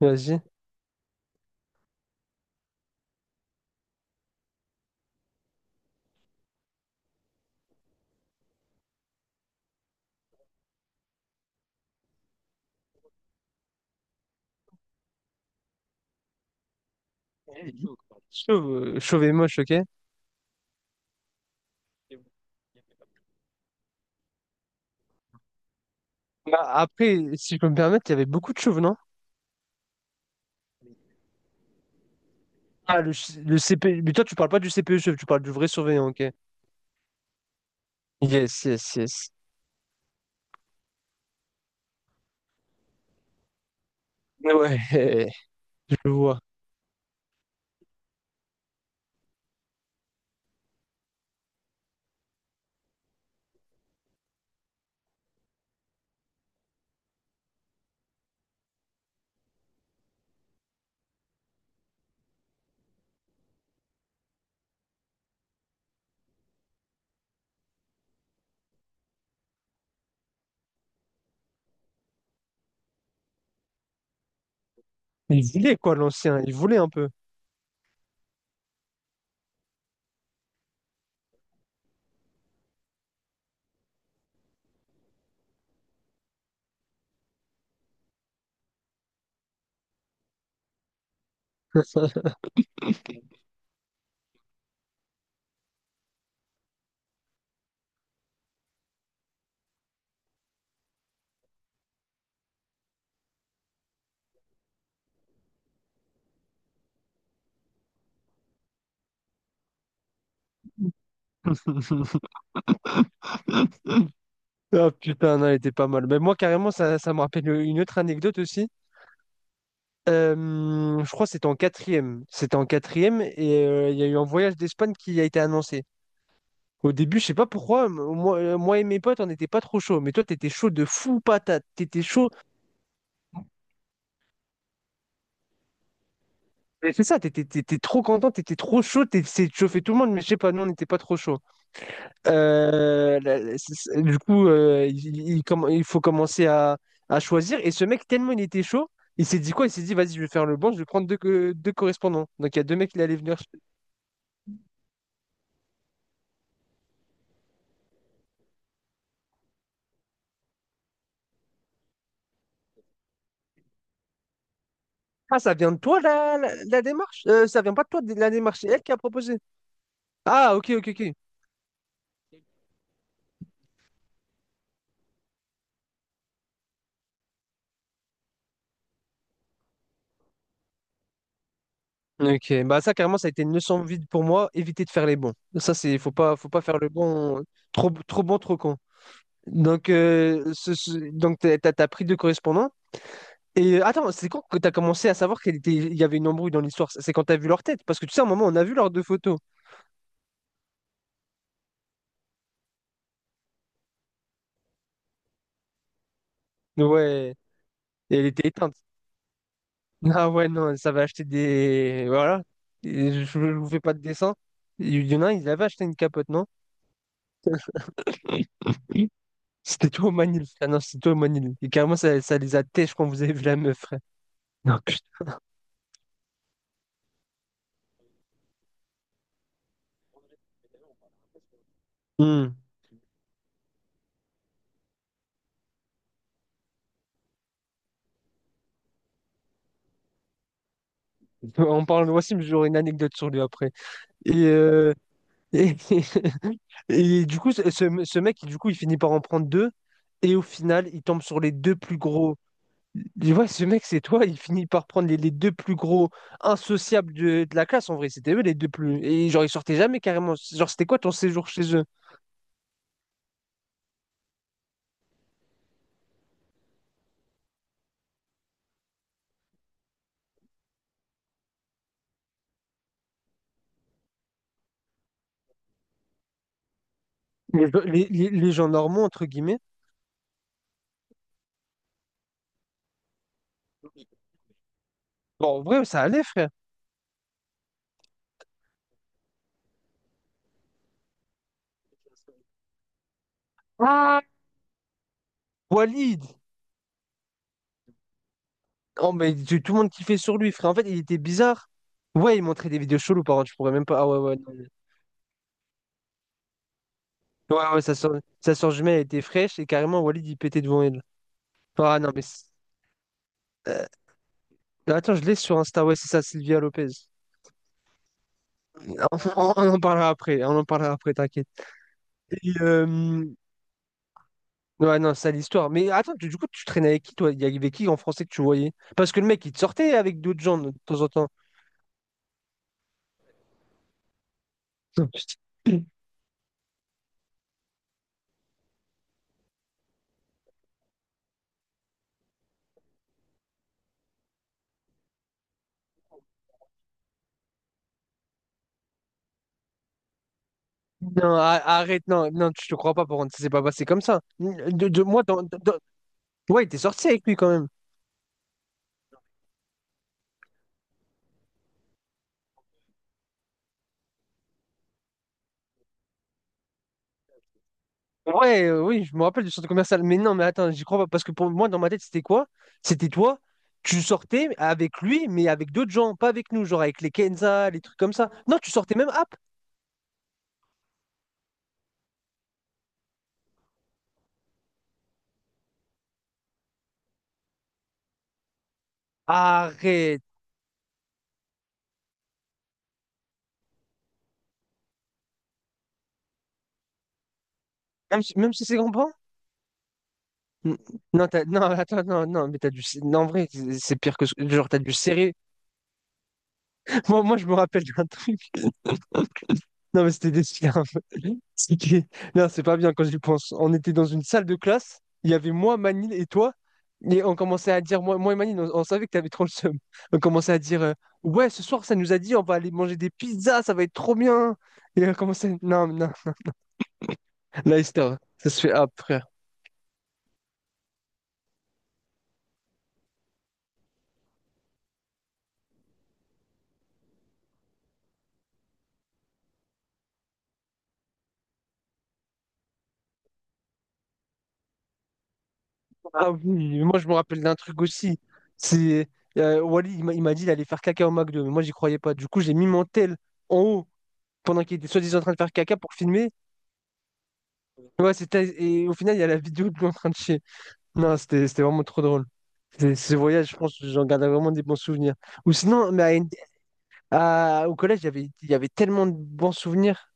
Vas-y. Chauve, chauve et moche, ok? Bah, après, si je peux me permettre, il y avait beaucoup de chauves, non? Ah, le CP... Mais toi, tu parles pas du CPE chauve, tu parles du vrai surveillant, ok? Yes, yes, yes. Ouais, je vois. Il voulait quoi, l'ancien? Il voulait un peu. Ah putain, non, elle était pas mal. Mais moi, carrément, ça me rappelle une autre anecdote aussi. Euh, je crois que c'était en quatrième. C'était en quatrième et il y a eu un voyage d'Espagne qui a été annoncé. Au début, je sais pas pourquoi, moi et mes potes, on n'était pas trop chaud. Mais toi, t'étais chaud de fou patate. T'étais chaud. Mais c'est ça, t'étais trop content, t'étais trop chaud, t'essayais de chauffer tout le monde, mais je sais pas, nous, on n'était pas trop chaud. Du coup, il faut commencer à choisir. Et ce mec, tellement il était chaud, il s'est dit quoi? Il s'est dit, vas-y, je vais faire le bon, je vais prendre deux correspondants. Donc, il y a deux mecs qui allaient venir. Ah, ça vient de toi, la démarche? Ça vient pas de toi, la démarche. C'est elle qui a proposé. Ah, ok, ok, ok. Ok, bah ça carrément ça a été une leçon de vie pour moi, éviter de faire les bons. Ça c'est faut pas faire le bon trop trop bon trop con. Donc donc t'as pris deux correspondants et attends, c'est quand que t'as commencé à savoir qu'il était il y avait une embrouille dans l'histoire? C'est quand t'as vu leur tête parce que tu sais à un moment on a vu leurs deux photos. Ouais, et elle était éteinte. Ah ouais non, ça va acheter des voilà. Et je vous fais pas de dessin. Il y en a un, il avait acheté une capote, non? Oui. C'était toi au Manil. Ah non, c'était toi au Manil. Et carrément ça, ça les a têches quand vous avez vu la meuf. Non, putain. Hmm. En parlant de Wassim, j'aurai une anecdote sur lui après. Et, euh, et, et du coup, ce mec, du coup, il finit par en prendre deux. Et au final, il tombe sur les deux plus gros. Tu vois, ce mec, c'est toi. Il finit par prendre les deux plus gros insociables de la classe. En vrai, c'était eux les deux plus. Et genre, ils sortaient jamais carrément. Genre, c'était quoi ton séjour chez eux? Les gens normaux, entre guillemets. Bon, en vrai, ça allait, frère. Ah. Walid! Oh, mais tout tout le monde kiffait sur lui, frère. En fait, il était bizarre. Ouais, il montrait des vidéos cheloues, par contre, je pourrais même pas. Ah ouais, ouais, non, mais- Ouais, ouais, sa soeur jumelle, elle était fraîche et carrément, Walid, il pétait devant elle. Ah non, mais c'est- euh, Attends, je l'ai sur Insta, ouais, c'est ça, Sylvia Lopez. On en parlera après, on en parlera après, t'inquiète. Et, ouais, non, c'est l'histoire. Mais attends, du coup, tu traînais avec qui, toi? Il y avait qui en français que tu voyais? Parce que le mec, il te sortait avec d'autres gens de temps en temps. Non, putain. Non, arrête, non, non, je te crois pas, par contre, ça s'est pas passé comme ça. De, de- moi, dans, dans- Ouais, t'es sorti avec lui quand même. Ouais, oui, je me rappelle du centre commercial. Mais non, mais attends, j'y crois pas. Parce que pour moi, dans ma tête, c'était quoi? C'était toi, tu sortais avec lui, mais avec d'autres gens, pas avec nous, genre avec les Kenza, les trucs comme ça. Non, tu sortais même hop. Arrête. Même si c'est grand-parents? N- non, non, attends, non, non, mais t'as du. Non, en vrai, c'est pire que genre, t'as du serré. Je me rappelle d'un truc. Non, mais c'était des scams. C'est que- Non, c'est pas bien quand j'y pense. On était dans une salle de classe, il y avait moi, Manil et toi, et on commençait à dire, moi et Manil, on savait que t'avais trop le seum. On commençait à dire, ouais, ce soir, ça nous a dit, on va aller manger des pizzas, ça va être trop bien. Et on commençait, non, mais non, la histoire, ça se fait après. Ah oui, moi, je me rappelle d'un truc aussi. C'est Wally, il m'a dit d'aller faire caca au McDo, mais moi, j'y croyais pas. Du coup, j'ai mis mon tel en haut pendant qu'il était soi-disant en train de faire caca pour filmer. Ouais, c'était. Et au final, il y a la vidéo de lui en train de chier. Non, c'était vraiment trop drôle. Ces voyages, je pense, que j'en garde vraiment des bons souvenirs. Ou sinon, au collège, il y avait, tellement de bons souvenirs.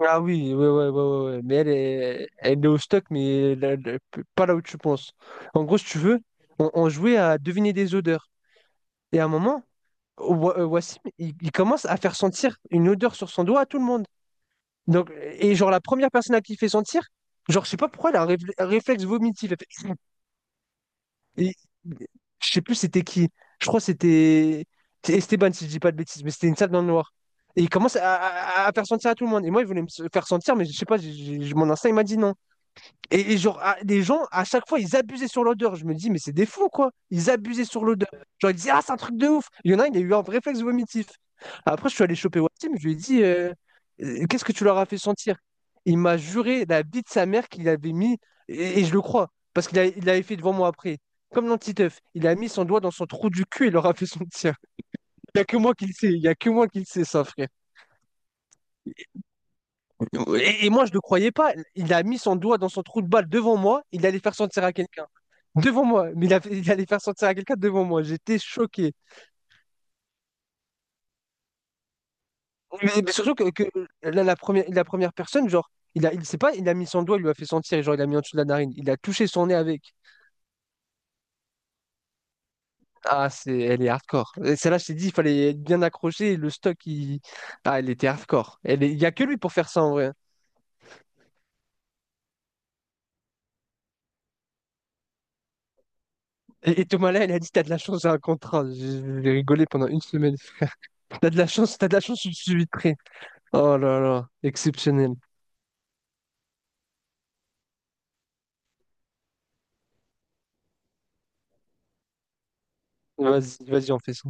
Ah oui, ouais, ouais, ouais, ouais, ouais. Mais elle est au stock, mais là, pas là où tu penses. En gros, si tu veux, on jouait à deviner des odeurs. Et à un moment, Wassim, il commence à faire sentir une odeur sur son doigt à tout le monde. Donc, et genre, la première personne à qui il fait sentir, genre, je sais pas pourquoi, elle a un réflexe vomitif. Et- je sais plus c'était qui. Je crois que c'était Esteban, si je dis pas de bêtises, mais c'était une salle dans le noir. Et il commence à, à faire sentir à tout le monde. Et moi, il voulait faire sentir, mais je sais pas, mon instinct, il m'a dit non. Et genre, à- les gens, à chaque fois, ils abusaient sur l'odeur. Je me dis, mais c'est des fous, quoi. Ils abusaient sur l'odeur. Genre, ils disaient, ah, c'est un truc de ouf. Il y en a un, il a eu un réflexe vomitif. Après, je suis allé choper Wassim, je lui ai dit, qu'est-ce que tu leur as fait sentir? Il m'a juré la vie de sa mère qu'il avait mis, et je le crois, parce qu'il l'avait fait devant moi après. Comme l'antiteuf, il a mis son doigt dans son trou du cul et il leur a fait sentir. Il n'y a que moi qui le sais, il n'y a que moi qui le sais, ça, frère. Et moi, je ne le croyais pas. Il a mis son doigt dans son trou de balle devant moi. Il allait faire sentir à quelqu'un. Devant moi. Mais il allait faire sentir à quelqu'un devant moi. J'étais choqué. Surtout que la première, personne, genre, il sait pas, il a mis son doigt, il lui a fait sentir, et genre, il a mis en dessous de la narine. Il a touché son nez avec. Ah, c'est, elle est hardcore. Et celle-là, je t'ai dit, il fallait être bien accrocher. Le stock, il... Ah, elle était hardcore. Elle est- il n'y a que lui pour faire ça, en vrai. Et Thomas, là, elle a dit, t'as de la chance, j'ai un contrat. J'ai rigolé pendant une semaine, frère. T'as de la chance, t'as de la chance, je suis vitré. Oh là là, exceptionnel. Vas-y, vas-y, on fait ça.